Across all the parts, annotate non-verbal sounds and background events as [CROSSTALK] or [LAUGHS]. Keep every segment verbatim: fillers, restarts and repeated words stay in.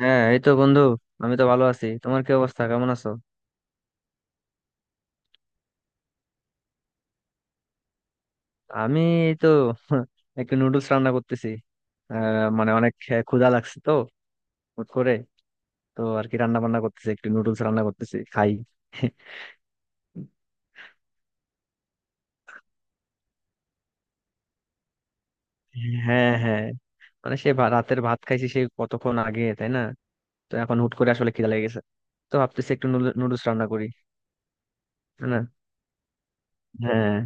হ্যাঁ এই তো বন্ধু। আমি তো ভালো আছি, তোমার কি অবস্থা, কেমন আছো? আমি এই তো [LAUGHS] একটু নুডলস রান্না করতেছি। আহ, মানে অনেক খে- ক্ষুধা লাগছে তো, হুট করে। তো আর কি রান্না বান্না করতেছি, একটু নুডলস রান্না করতেছি খাই। [LAUGHS] হ্যাঁ হ্যাঁ, মানে সে ভা- রাতের ভাত খাইছি সে কতক্ষণ আগে, তাই না? তো এখন হুট করে আসলে খিদা লেগে গেছে, তো ভাবতেছি একটু নুডলস রান্না করি। তাই না? হ্যাঁ।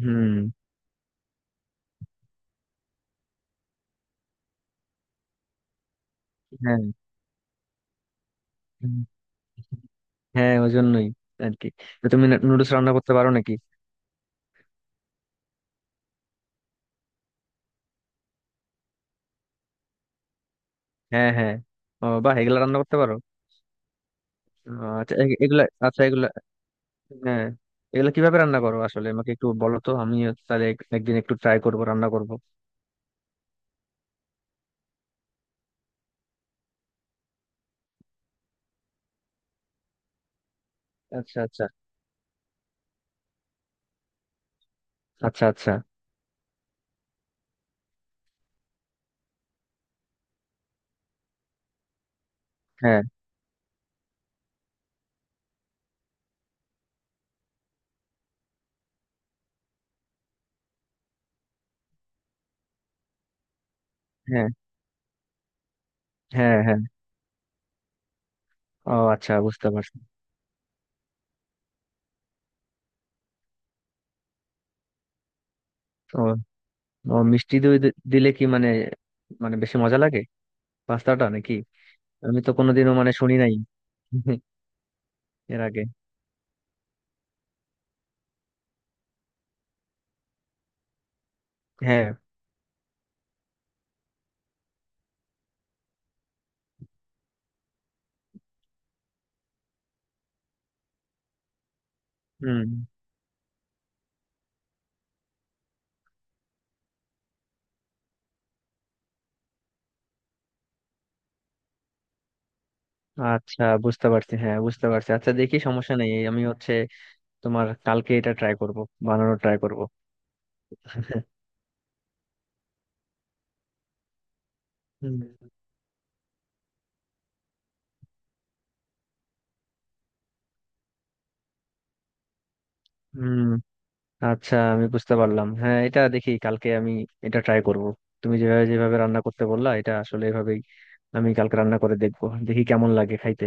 হুম। হ্যাঁ হ্যাঁ, ওই জন্যই আর কি। তো তুমি নুডলস রান্না করতে পারো নাকি? হ্যাঁ হ্যাঁ, ও বাহ, এগুলা রান্না করতে পারো। আহ, আচ্ছা এ- এগুলা, আচ্ছা এগুলা, হ্যাঁ এগুলা কিভাবে রান্না করো আসলে? আমাকে একটু বলো, তো আমি তাহলে এক- একদিন একটু ট্রাই করব, রান্না করব। আচ্ছা আচ্ছা। আচ্ছা আচ্ছা। হ্যাঁ হ্যাঁ। হ্যাঁ হ্যাঁ। ও আচ্ছা, বুঝতে পারছি। ও। ও মিষ্টি দই দি- দিলে কি, মানে মানে বেশি মজা লাগে পাস্তাটা নাকি? আমি তো কোনোদিনও মানে শুনি নাই। [LAUGHS] এর আগে। হ্যাঁ। হুম। আচ্ছা বুঝতে পারছি, হ্যাঁ বুঝতে পারছি। আচ্ছা দেখি, সমস্যা নেই, আমি হচ্ছে তোমার কালকে এটা ট্রাই করব, বানানোর ট্রাই করব। হুম। হুম, আচ্ছা আমি বুঝতে পারলাম, হ্যাঁ এটা দেখি কালকে আমি এটা ট্রাই করব। তুমি যেভাবে যেভাবে রান্না করতে বললা এটা আসলে এভাবেই আমি কালকে রান্না করে দেখবো, দেখি কেমন লাগে খাইতে।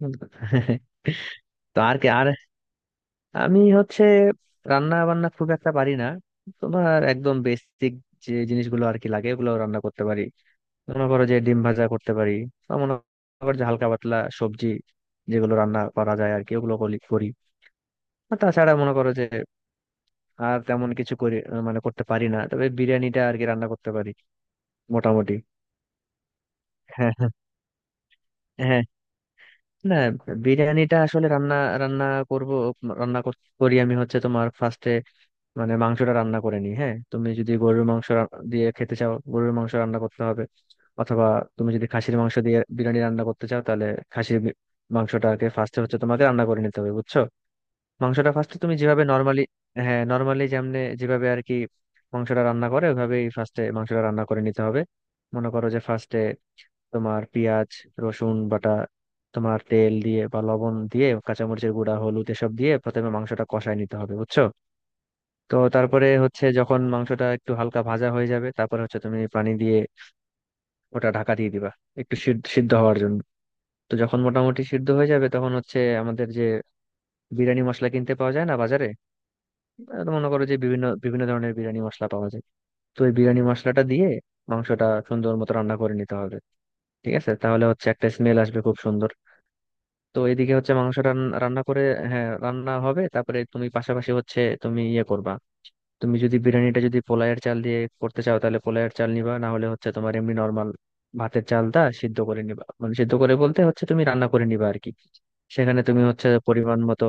হুম। [LAUGHS] তো আর কি আর, আমি হচ্ছে রান্না বান্না খুব একটা পারি না, তোমার একদম বেসিক যে জিনিসগুলো আর কি লাগে ওগুলো রান্না করতে পারি। মনে করো যে ডিম ভাজা করতে পারি, বা মনে করো যে হালকা পাতলা সবজি যেগুলো রান্না করা যায় আর কি ওগুলো করি করি। আর তাছাড়া মনে করো যে আর তেমন কিছু করি মানে করতে পারি না, তবে বিরিয়ানিটা আর কি রান্না করতে পারি মোটামুটি। হ্যাঁ হ্যাঁ। হ্যাঁ। না, বিরিয়ানিটা আসলে রান্না রান্না করব, রান্না কর- করি আমি হচ্ছে তোমার ফার্স্টে মানে মাংসটা রান্না করে নিই। হ্যাঁ, তুমি যদি গরুর মাংস রা- দিয়ে খেতে চাও, গরুর মাংস রান্না করতে হবে। অথবা তুমি যদি খাসির মাংস দিয়ে বিরিয়ানি রান্না করতে চাও, তাহলে খাসির বি- মাংসটাকে ফার্স্টে হচ্ছে তোমাকে রান্না করে নিতে হবে, বুঝছো? মাংসটা ফার্স্টে তুমি যেভাবে নর্মালি, হ্যাঁ নর্মালি যেমনে যেভাবে আর কি মাংসটা রান্না করে ওইভাবেই ফার্স্টে মাংসটা রান্না করে নিতে হবে। মনে করো যে ফার্স্টে তোমার পেঁয়াজ রসুন বাটা, তোমার তেল দিয়ে বা লবণ দিয়ে, কাঁচামরিচের গুঁড়া, হলুদ এসব দিয়ে প্রথমে মাংসটা কষায় নিতে হবে, বুঝছো? তো তারপরে হচ্ছে যখন মাংসটা একটু হালকা ভাজা হয়ে যাবে, তারপরে হচ্ছে তুমি পানি দিয়ে ওটা ঢাকা দিয়ে দিবা একটু সিদ্ধ সিদ্ধ হওয়ার জন্য। তো যখন মোটামুটি সিদ্ধ হয়ে যাবে, তখন হচ্ছে আমাদের যে বিরিয়ানি মশলা কিনতে পাওয়া যায় না বাজারে, আহ, তো মনে করো যে বিভিন্ন বিভিন্ন ধরনের বিরিয়ানি মশলা পাওয়া যায়, তো এই বিরিয়ানি মশলাটা দিয়ে মাংসটা সুন্দর মতো রান্না করে নিতে হবে। ঠিক আছে, তাহলে হচ্ছে একটা স্মেল আসবে খুব সুন্দর। তো এদিকে হচ্ছে মাংস রান- রান্না করে, হ্যাঁ রান্না হবে, তারপরে তুমি পাশাপাশি হচ্ছে তুমি ইয়ে করবা, তুমি যদি বিরিয়ানিটা যদি পোলায়ের চাল দিয়ে করতে চাও তাহলে পোলায়ের চাল নিবা, না হলে হচ্ছে তোমার এমনি নর্মাল ভাতের চালটা সিদ্ধ করে নিবা, মানে সিদ্ধ করে বলতে হচ্ছে তুমি রান্না করে নিবা আর কি। সেখানে তুমি হচ্ছে পরিমাণ মতো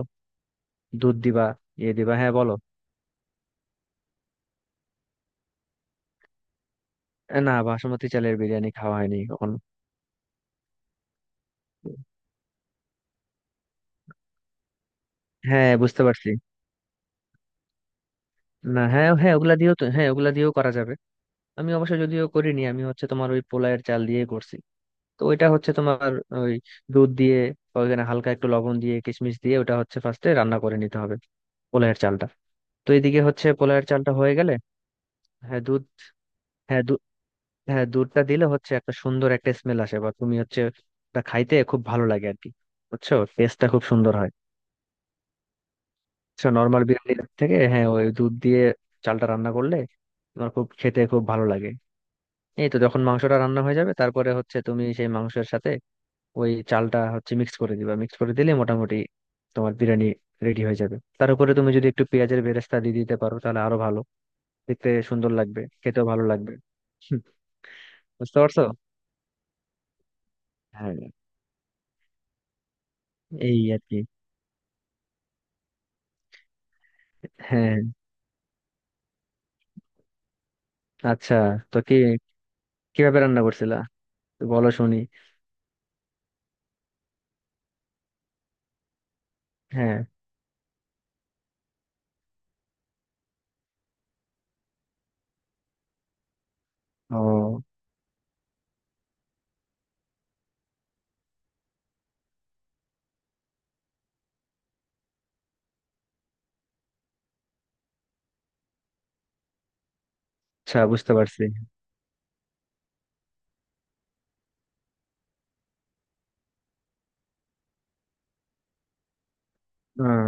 দুধ দিবা, ইয়ে দিবা, হ্যাঁ বলো। এ না, বাসমতি চালের বিরিয়ানি খাওয়া হয়নি কখনো। হ্যাঁ বুঝতে পারছি। না হ্যাঁ হ্যাঁ ওগুলা দিয়েও তো, হ্যাঁ ওগুলা দিয়েও করা যাবে। আমি অবশ্য যদিও করিনি, আমি হচ্ছে তোমার ওই পোলায়ের চাল দিয়ে করছি। তো ওইটা হচ্ছে তোমার ওই দুধ দিয়ে ওইখানে হালকা একটু লবণ দিয়ে কিশমিশ দিয়ে ওটা হচ্ছে ফার্স্টে রান্না করে নিতে হবে পোলাওয়ের চালটা। তো এদিকে হচ্ছে পোলাওয়ের চালটা হয়ে গেলে, হ্যাঁ দুধ হ্যাঁ দুধ হ্যাঁ দুধটা দিলে হচ্ছে একটা সুন্দর একটা স্মেল আসে, বা তুমি হচ্ছে ওটা খাইতে খুব ভালো লাগে আর কি, বুঝছো? টেস্টটা খুব সুন্দর হয় নর্মাল বিরিয়ানির থেকে। হ্যাঁ ওই দুধ দিয়ে চালটা রান্না করলে তোমার খুব খেতে খুব ভালো লাগে। এই তো যখন মাংসটা রান্না হয়ে যাবে তারপরে হচ্ছে তুমি সেই মাংসের সাথে ওই চালটা হচ্ছে মিক্স করে দিবা, মিক্স করে দিলে মোটামুটি তোমার বিরিয়ানি রেডি হয়ে যাবে। তার উপরে তুমি যদি একটু পেঁয়াজের বেরেস্তা দিয়ে দিতে পারো তাহলে আরো ভালো, দেখতে সুন্দর লাগবে, খেতেও ভালো লাগবে। হুম, বুঝতে পারছো? হ্যাঁ এই আর কি। হ্যাঁ। আচ্ছা। তো কি, কিভাবে রান্না করছিলা? তো বলো শুনি। হ্যাঁ। ও আচ্ছা বুঝতে পারছি। হ্যাঁ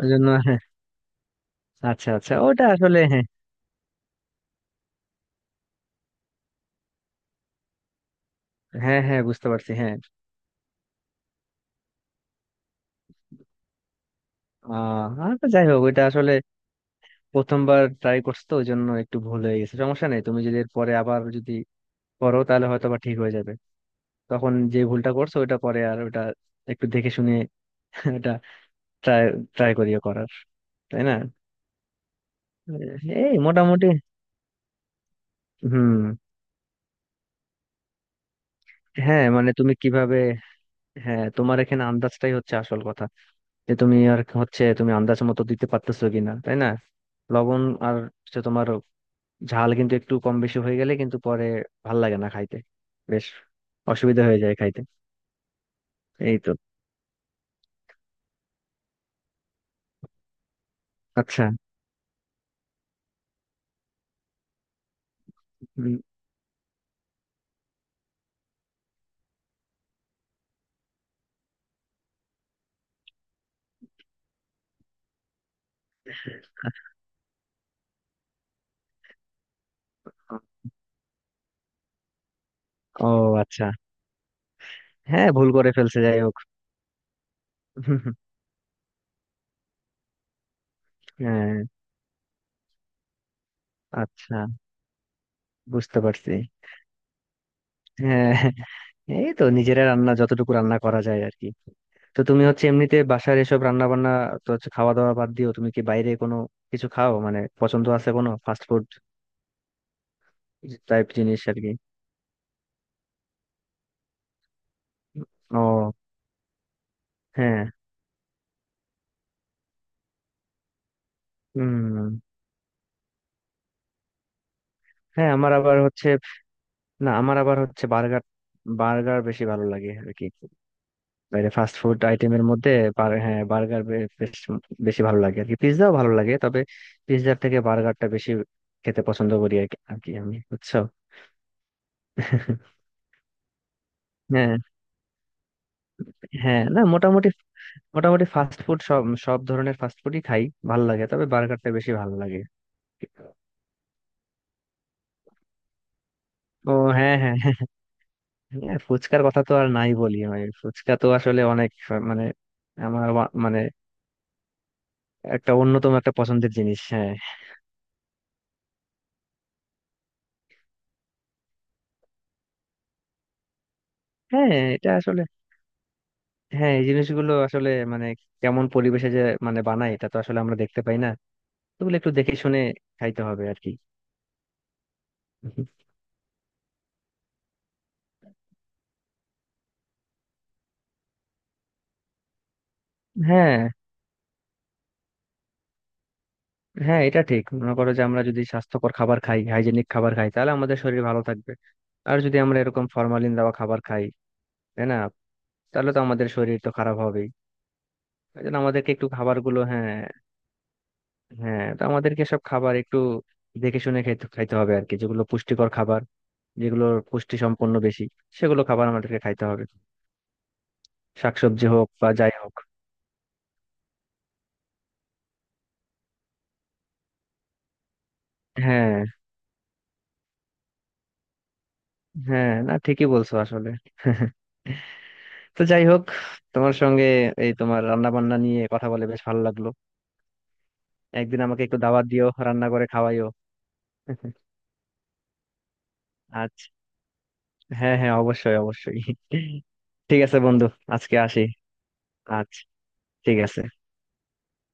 ওই জন্য হ্যাঁ। আচ্ছা আচ্ছা, ওটা আসলে হ্যাঁ। হ্যাঁ হ্যাঁ বুঝতে পারছি হ্যাঁ। আহ আর তো যাই হোক ওইটা আসলে প্রথমবার ট্রাই করছো তো ওই জন্য একটু ভুল হয়ে গেছে, সমস্যা নেই, তুমি যদি পরে আবার যদি করো তাহলে হয়তো বা ঠিক হয়ে যাবে। তখন যে ভুলটা করছো ওটা পরে আর ওটা একটু দেখে শুনে [LAUGHS] ওটা ট্রাই ট্রাই করিয়ে করার, তাই না? এই মোটামুটি। হুম। হ্যাঁ মানে তুমি কিভাবে, হ্যাঁ তোমার এখানে আন্দাজটাই হচ্ছে আসল কথা, যে তুমি আর হচ্ছে তুমি আন্দাজ মতো দিতে পারতেছো কিনা, তাই না? লবণ আর হচ্ছে তোমার ঝাল কিন্তু একটু কম বেশি হয়ে গেলে কিন্তু পরে ভাল লাগে না খাইতে, বেশ অসুবিধা হয়ে যায় খাইতে। এই তো। আচ্ছা। উম, ও আচ্ছা। হ্যাঁ ভুল করে ফেলছে, যাই হোক। হ্যাঁ। আচ্ছা বুঝতে পারছি। হ্যাঁ এই তো নিজেরা রান্না যতটুকু রান্না করা যায় আর কি। তো তুমি হচ্ছে এমনিতে বাসার এসব রান্না বান্না তো হচ্ছে, খাওয়া দাওয়া বাদ দিও, তুমি কি বাইরে কোনো কিছু খাও, মানে পছন্দ আছে কোনো ফাস্ট ফুড টাইপ জিনিস আর কি? ও। হ্যাঁ। হুম। হ্যাঁ আমার আবার হচ্ছে, না আমার আবার হচ্ছে বার্গার, বার্গার বেশি ভালো লাগে আর কি বাইরে ফাস্ট ফুড আইটেমের মধ্যে। বার- হ্যাঁ বার্গার বেশ বেশি ভালো লাগে আর কি, পিৎজাও ভালো লাগে তবে পিৎজার থেকে বার্গারটা বেশি খেতে পছন্দ করি আর কি আর কি আমি, বুঝছো? [LAUGHS] হ্যাঁ হ্যাঁ। না মোটামুটি, মোটামুটি ফাস্ট ফুড সব সব ধরনের ফাস্ট ফুডই খাই, ভালো লাগে, তবে বার্গারটা বেশি ভালো লাগে। ও। হ্যাঁ হ্যাঁ হ্যাঁ। হ্যাঁ, ফুচকার কথা তো আর নাই বলি, মানে ফুচকা তো আসলে অনেক, মানে আমার বা- মানে একটা অন্যতম একটা পছন্দের জিনিস, হ্যাঁ। হ্যাঁ এটা আসলে, হ্যাঁ এই জিনিসগুলো আসলে মানে কেমন পরিবেশে যে মানে বানায় এটা তো আসলে আমরা দেখতে পাই না, ওগুলো একটু দেখে শুনে খাইতে হবে আর কি। হ্যাঁ হ্যাঁ এটা ঠিক, মনে করো যে আমরা যদি স্বাস্থ্যকর খাবার খাই, হাইজেনিক খাবার খাই তাহলে আমাদের শরীর ভালো থাকবে। আর যদি আমরা এরকম ফরমালিন দেওয়া খাবার খাই, তাই না, তাহলে তো আমাদের শরীর তো খারাপ হবেই। তাই জন্য আমাদেরকে একটু খাবারগুলো, হ্যাঁ হ্যাঁ, তো আমাদেরকে সব খাবার একটু দেখে শুনে খেতে খাইতে হবে আর কি, যেগুলো পুষ্টিকর খাবার, যেগুলো পুষ্টি সম্পন্ন বেশি সেগুলো খাবার আমাদেরকে খাইতে হবে, শাকসবজি হোক বা যাই হোক। হ্যাঁ হ্যাঁ, না ঠিকই বলছো আসলে। [LAUGHS] তো যাই হোক, তোমার সঙ্গে এই তোমার রান্না বান্না নিয়ে কথা বলে বেশ ভালো লাগলো। একদিন আমাকে একটু দাওয়াত দিও, রান্না করে খাওয়াইও। [LAUGHS] আচ্ছা, হ্যাঁ হ্যাঁ অবশ্যই অবশ্যই। [LAUGHS] ঠিক আছে বন্ধু, আজকে আসি। আচ্ছা। ঠিক আছে।